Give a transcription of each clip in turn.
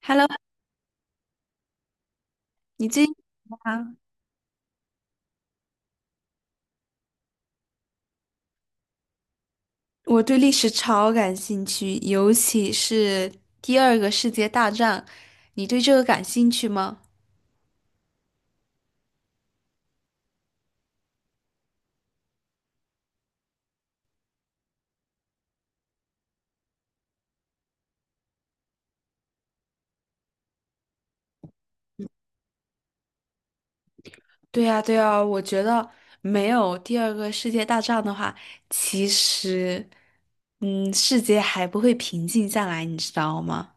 Hello，你最近啊，我对历史超感兴趣，尤其是第二个世界大战，你对这个感兴趣吗？对呀，对呀，我觉得没有第二个世界大战的话，其实，世界还不会平静下来，你知道吗？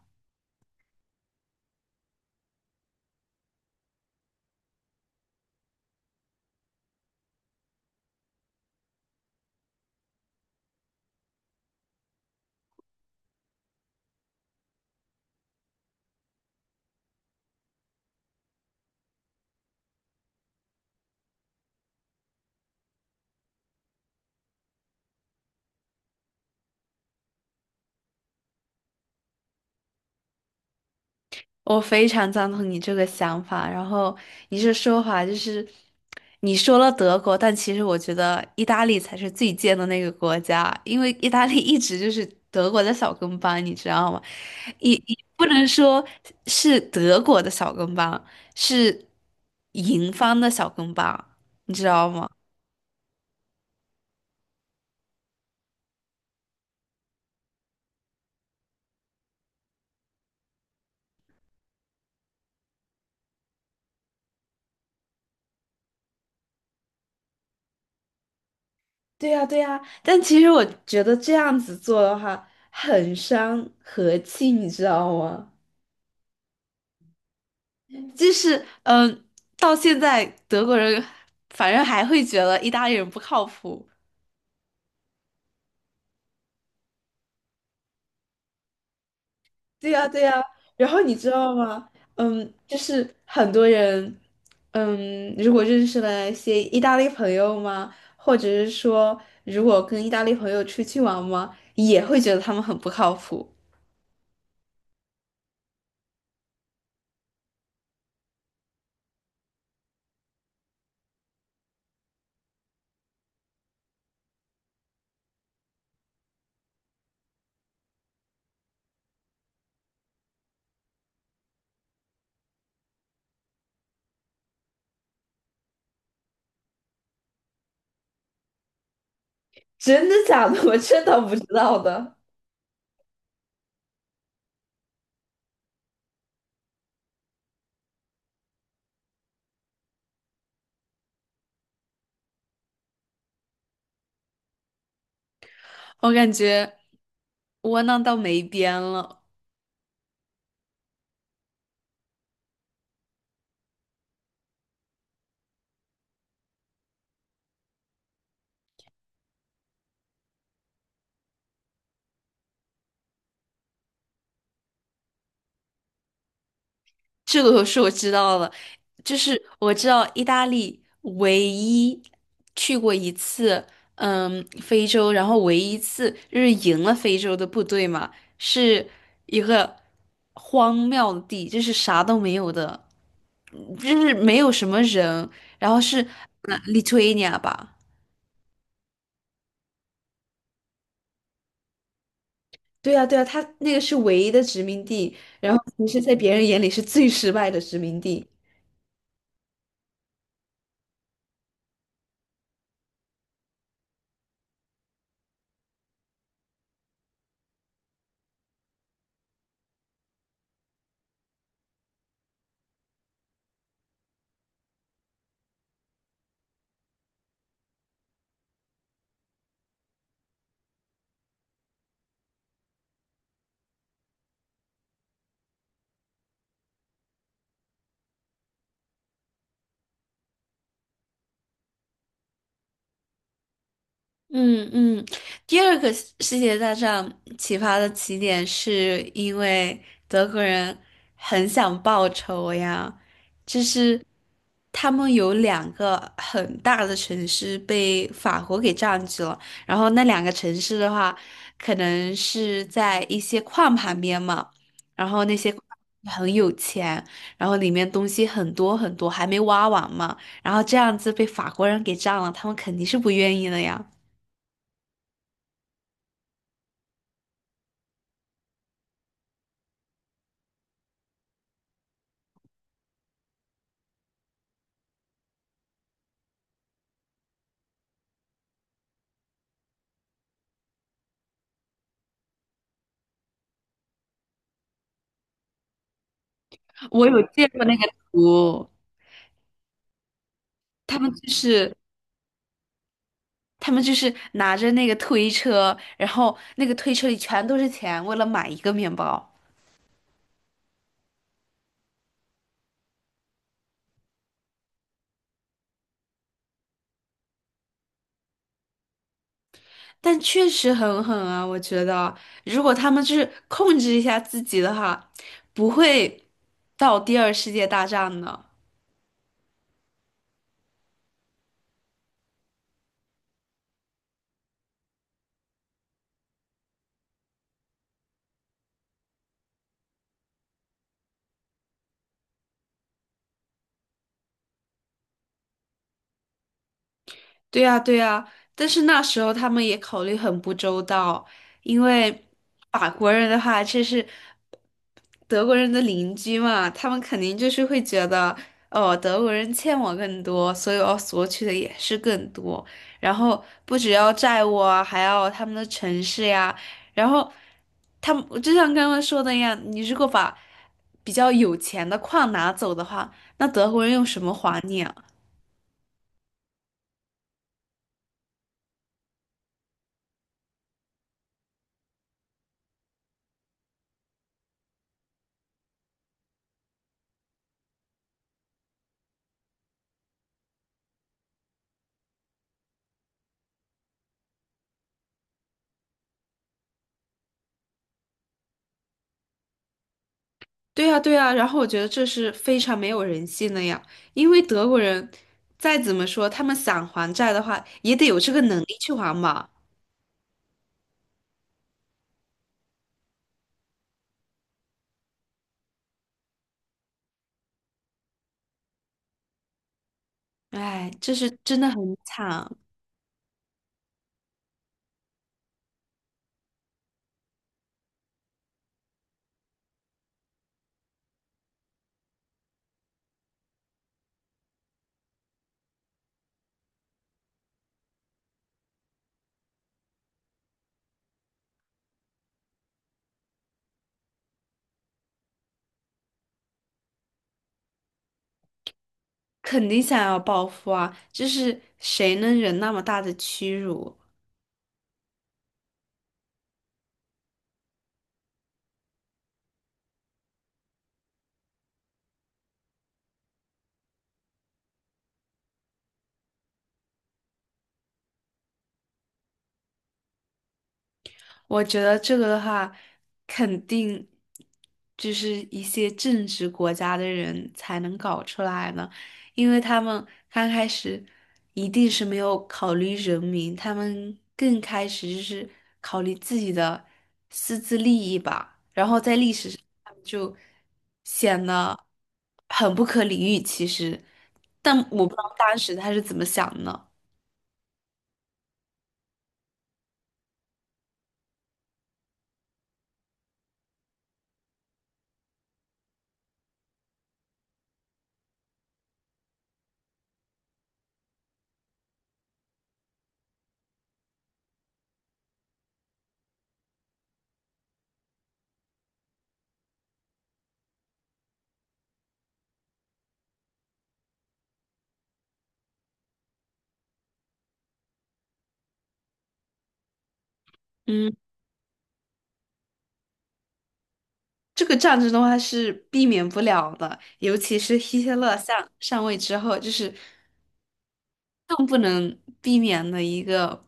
我非常赞同你这个想法。然后你这说法就是，你说了德国，但其实我觉得意大利才是最贱的那个国家，因为意大利一直就是德国的小跟班，你知道吗？也不能说是德国的小跟班，是赢方的小跟班，你知道吗？对呀，对呀。但其实我觉得这样子做的话，很伤和气，你知道吗？就是嗯、呃到现在德国人反正还会觉得意大利人不靠谱。对呀，对呀。然后你知道吗？嗯，就是很多人，嗯，如果认识了一些意大利朋友嘛，或者是说如果跟意大利朋友出去玩嘛，也会觉得他们很不靠谱。真的假的？我真的不知道的。我感觉窝囊到没边了。这个是我知道了，就是我知道意大利唯一去过一次，嗯，非洲，然后唯一一次就是赢了非洲的部队嘛，是一个荒谬的地，就是啥都没有的，嗯就是没有什么人，然后是利托尼亚吧。对啊，对啊，他那个是唯一的殖民地，然后其实，在别人眼里是最失败的殖民地。嗯嗯，第二个世界大战启发的起点是因为德国人很想报仇呀，就是他们有两个很大的城市被法国给占据了，然后那两个城市的话，可能是在一些矿旁边嘛，然后那些矿很有钱，然后里面东西很多很多，还没挖完嘛，然后这样子被法国人给占了，他们肯定是不愿意的呀。我有见过那个图，他们就是他们就是拿着那个推车，然后那个推车里全都是钱，为了买一个面包。但确实很狠啊，我觉得如果他们就是控制一下自己的话，不会到第二世界大战的。对呀，对呀，但是那时候他们也考虑很不周到，因为法国人的话，这是德国人的邻居嘛，他们肯定就是会觉得，哦，德国人欠我更多，所以我要索取的也是更多，然后不只要债务啊，还要他们的城市呀，然后他们就像刚刚说的一样，你如果把比较有钱的矿拿走的话，那德国人用什么还你啊？对呀，对呀，然后我觉得这是非常没有人性的呀，因为德国人再怎么说，他们想还债的话，也得有这个能力去还嘛。哎，这是真的很惨，肯定想要报复啊，这是谁能忍那么大的屈辱？我觉得这个的话，肯定就是一些正直国家的人才能搞出来呢，因为他们刚开始一定是没有考虑人民，他们更开始就是考虑自己的私自利益吧，然后在历史上他们就显得很不可理喻，其实，但我不知道当时他是怎么想的。嗯。这个战争的话是避免不了的，尤其是希特勒上位之后，就是更不能避免的一个。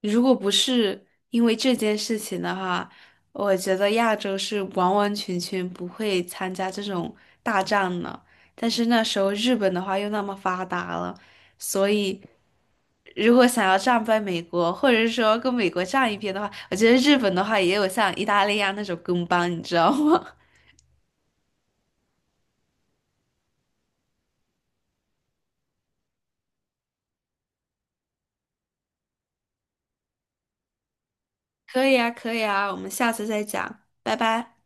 如果不是因为这件事情的话，我觉得亚洲是完完全全不会参加这种大战的。但是那时候日本的话又那么发达了，所以如果想要战败美国，或者是说跟美国站一边的话，我觉得日本的话也有像意大利啊那种跟班，你知道吗？可以啊，可以啊，我们下次再讲，拜拜。